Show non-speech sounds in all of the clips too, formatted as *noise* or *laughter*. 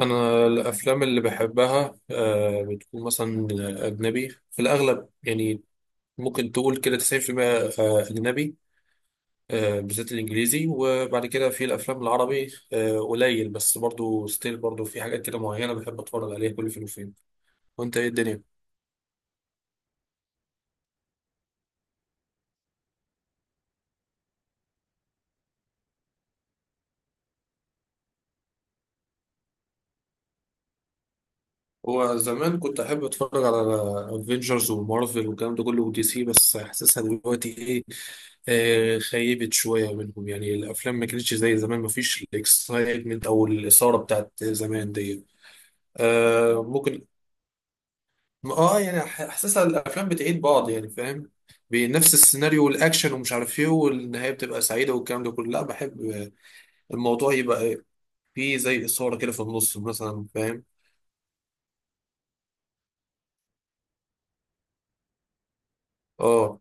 أنا الأفلام اللي بحبها بتكون مثلا أجنبي في الأغلب يعني ممكن تقول كده 90%. أجنبي بالذات الإنجليزي وبعد كده في الأفلام العربي قليل، بس برضو ستيل برضو في حاجات كده معينة بحب أتفرج عليها كل فين وفين. وأنت إيه الدنيا؟ هو زمان كنت احب اتفرج على افنجرز ومارفل والكلام ده كله ودي سي، بس حاسسها دلوقتي ايه، آه خيبت شويه منهم. يعني الافلام ما كانتش زي زمان، ما فيش الاكسايتمنت او الاثاره بتاعت زمان دي. آه ممكن. اه يعني حاسسها الافلام بتعيد بعض، يعني فاهم، بنفس السيناريو والاكشن ومش عارف ايه، والنهايه بتبقى سعيده والكلام ده كله، لا بحب الموضوع يبقى إيه، فيه زي اثاره كده في النص مثلا، فاهم. اه.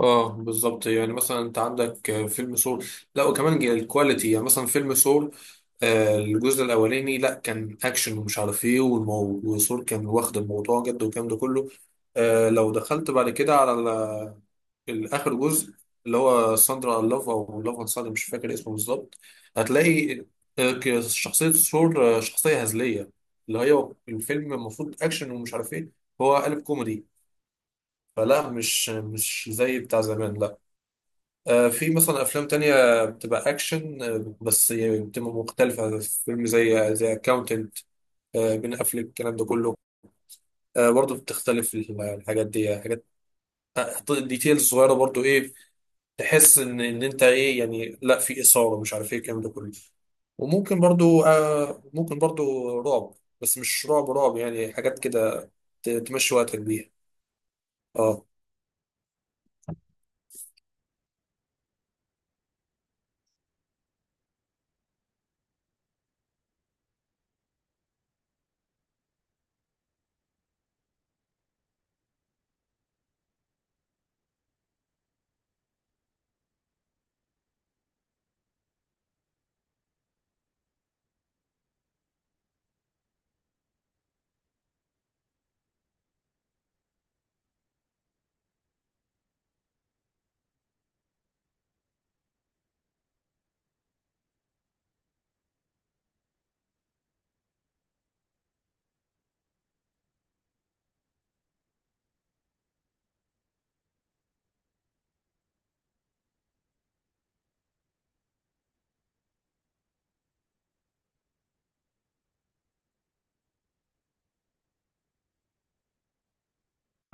اه بالظبط. يعني مثلا انت عندك فيلم سول، لا وكمان الكواليتي. يعني مثلا فيلم سول، الجزء الاولاني لا كان اكشن ومش عارف ايه وسول كان واخد الموضوع جد والكلام ده كله. لو دخلت بعد كده على الاخر جزء اللي هو ساندرا لاف او لاف اند ساندرا، مش فاكر اسمه بالظبط، هتلاقي شخصية سول شخصية هزلية، اللي هي الفيلم المفروض اكشن ومش عارف ايه، هو قالب كوميدي. فلا، مش زي بتاع زمان، لا. في مثلا افلام تانية بتبقى اكشن، بس يعني بتبقى مختلفة، فيلم زي اكاونتنت، بين افلك، الكلام ده كله. برضه بتختلف الحاجات دي، حاجات ديتيلز صغيرة برضه ايه، تحس ان انت ايه، يعني لا في اثارة مش عارف ايه الكلام ده كله. وممكن برضه، ممكن برضه رعب، بس مش رعب رعب، يعني حاجات كده تمشي وقتك بيها. اه.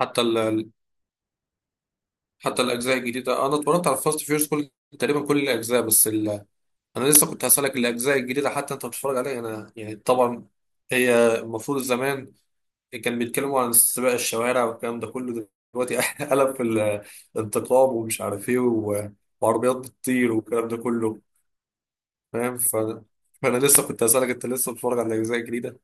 حتى حتى الاجزاء الجديدة، انا اتفرجت على فاست فيورس، كل تقريبا كل الاجزاء. بس انا لسه كنت هسألك الاجزاء الجديده حتى انت بتتفرج عليها. انا يعني طبعا، هي المفروض زمان كان بيتكلموا عن سباق الشوارع والكلام ده كله، دلوقتي *laughs* قلب في الانتقام ومش عارف ايه وعربيات بتطير والكلام ده كله. فاهم، فانا لسه كنت هسألك انت لسه بتتفرج على الاجزاء الجديده.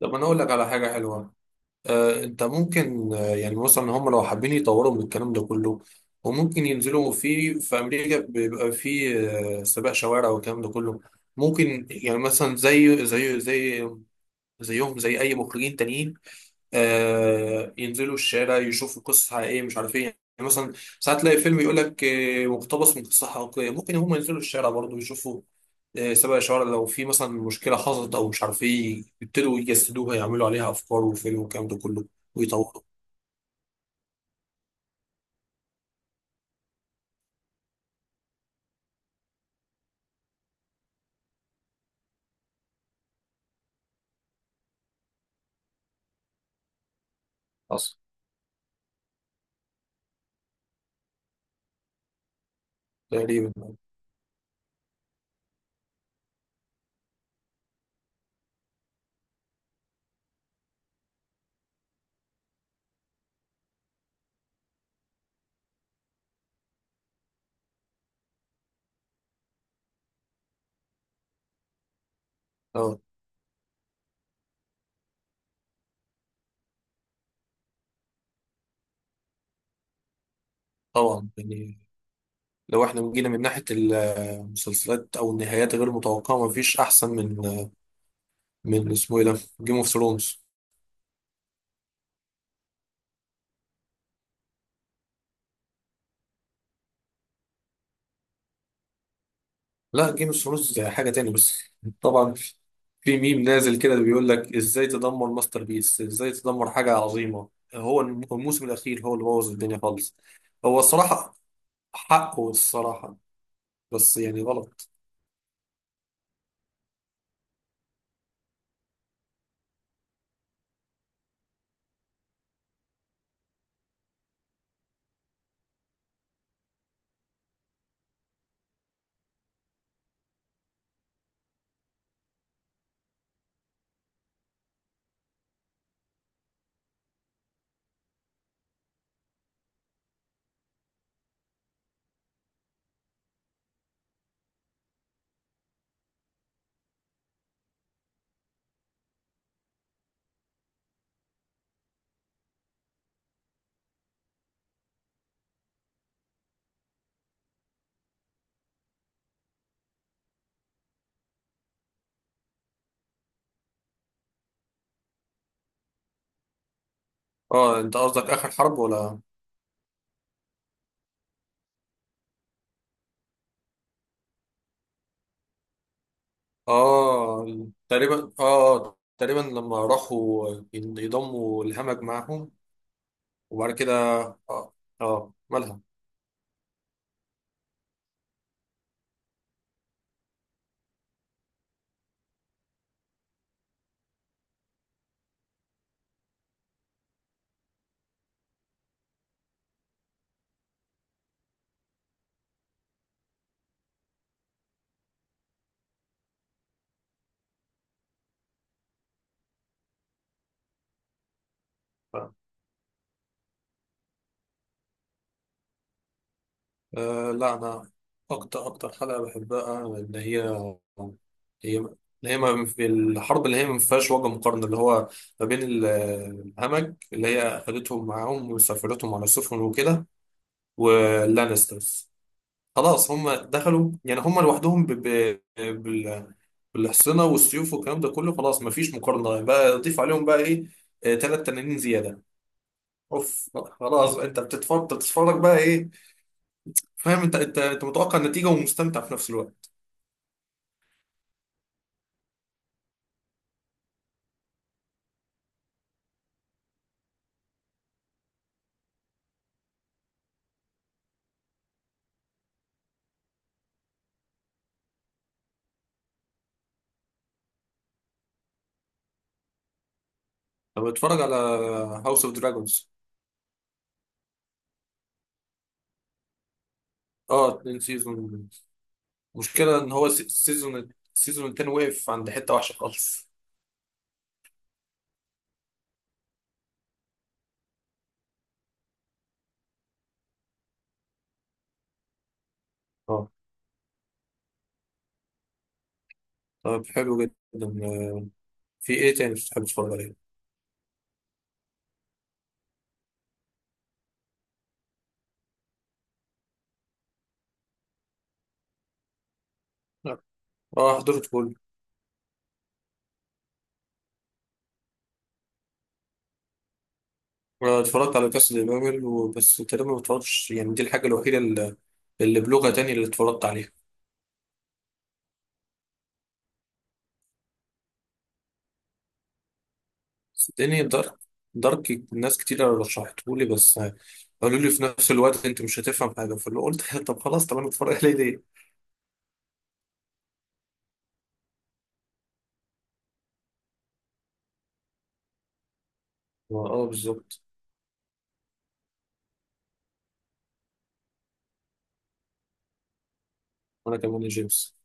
طب انا اقول لك على حاجه حلوه. انت ممكن، يعني مثلا هم لو حابين يطوروا من الكلام ده كله، وممكن ينزلوا في امريكا بيبقى في سباق شوارع والكلام ده كله. ممكن يعني مثلا زي زيهم زي اي مخرجين تانيين، ينزلوا الشارع يشوفوا قصص حقيقية مش عارف ايه. يعني مثلا ساعات تلاقي فيلم يقول لك مقتبس من قصة حقيقية، ممكن هم ينزلوا الشارع برضه يشوفوا سبق شوارع، لو في مثلا مشكلة حصلت أو مش عارف ايه يبتدوا يجسدوها، يعملوا عليها أفكار وفيلم والكلام ده كله ويطوروا. تقريبا. اه طبعا. يعني لو احنا جينا من ناحية المسلسلات أو النهايات غير متوقعة، مفيش أحسن من من اسمه ايه ده، جيم اوف ثرونز. لا جيم اوف ثرونز حاجه تاني، بس طبعا في ميم نازل كده بيقول لك ازاي تدمر ماستر بيس، ازاي تدمر حاجه عظيمه. هو الموسم الاخير هو اللي بوظ الدنيا خالص. هو الصراحه حقه الصراحه، بس يعني غلط. اه انت قصدك اخر حرب ولا؟ اه تقريبا، اه تقريبا لما راحوا يضموا الهمج معاهم وبعد كده. اه. اه مالها. أه لا أنا، أكتر حلقة بحبها اللي هي، هي اللي هي ما في الحرب اللي هي ما فيهاش وجه مقارنة، اللي هو ما بين الهمج اللي هي أخدتهم معاهم وسافرتهم على السفن وكده، واللانسترز. خلاص هم دخلوا، يعني هم لوحدهم بالحصنة والسيوف والكلام ده كله، خلاص ما فيش مقارنة بقى، ضيف عليهم بقى إيه، تلات تنانين زيادة. أوف، خلاص أنت بتتفرج بقى إيه. فاهم، أنت متوقع النتيجة ومستمتع في نفس الوقت. طب اتفرج على هاوس اوف دراجونز. اه اتنين سيزون، مشكلة ان هو السيزون، السيزون التاني وقف عند حتة وحشة خالص. اه. طب حلو جدا. آه، في ايه تاني بتحب تتفرج عليه؟ لا. اه حضرت كله. اتفرجت على كاس البابل وبس تقريبا، ما اتفرجتش، يعني دي الحاجة الوحيدة اللي بلغة تانية اللي اتفرجت عليها. صدقني دارك ناس كتير رشحتهولي، بس قالوا لي في نفس الوقت انت مش هتفهم حاجة، فاللي قلت *laughs* طب خلاص، طب انا اتفرج عليه ليه؟ اه بالظبط. وانا كمان يا جيمس.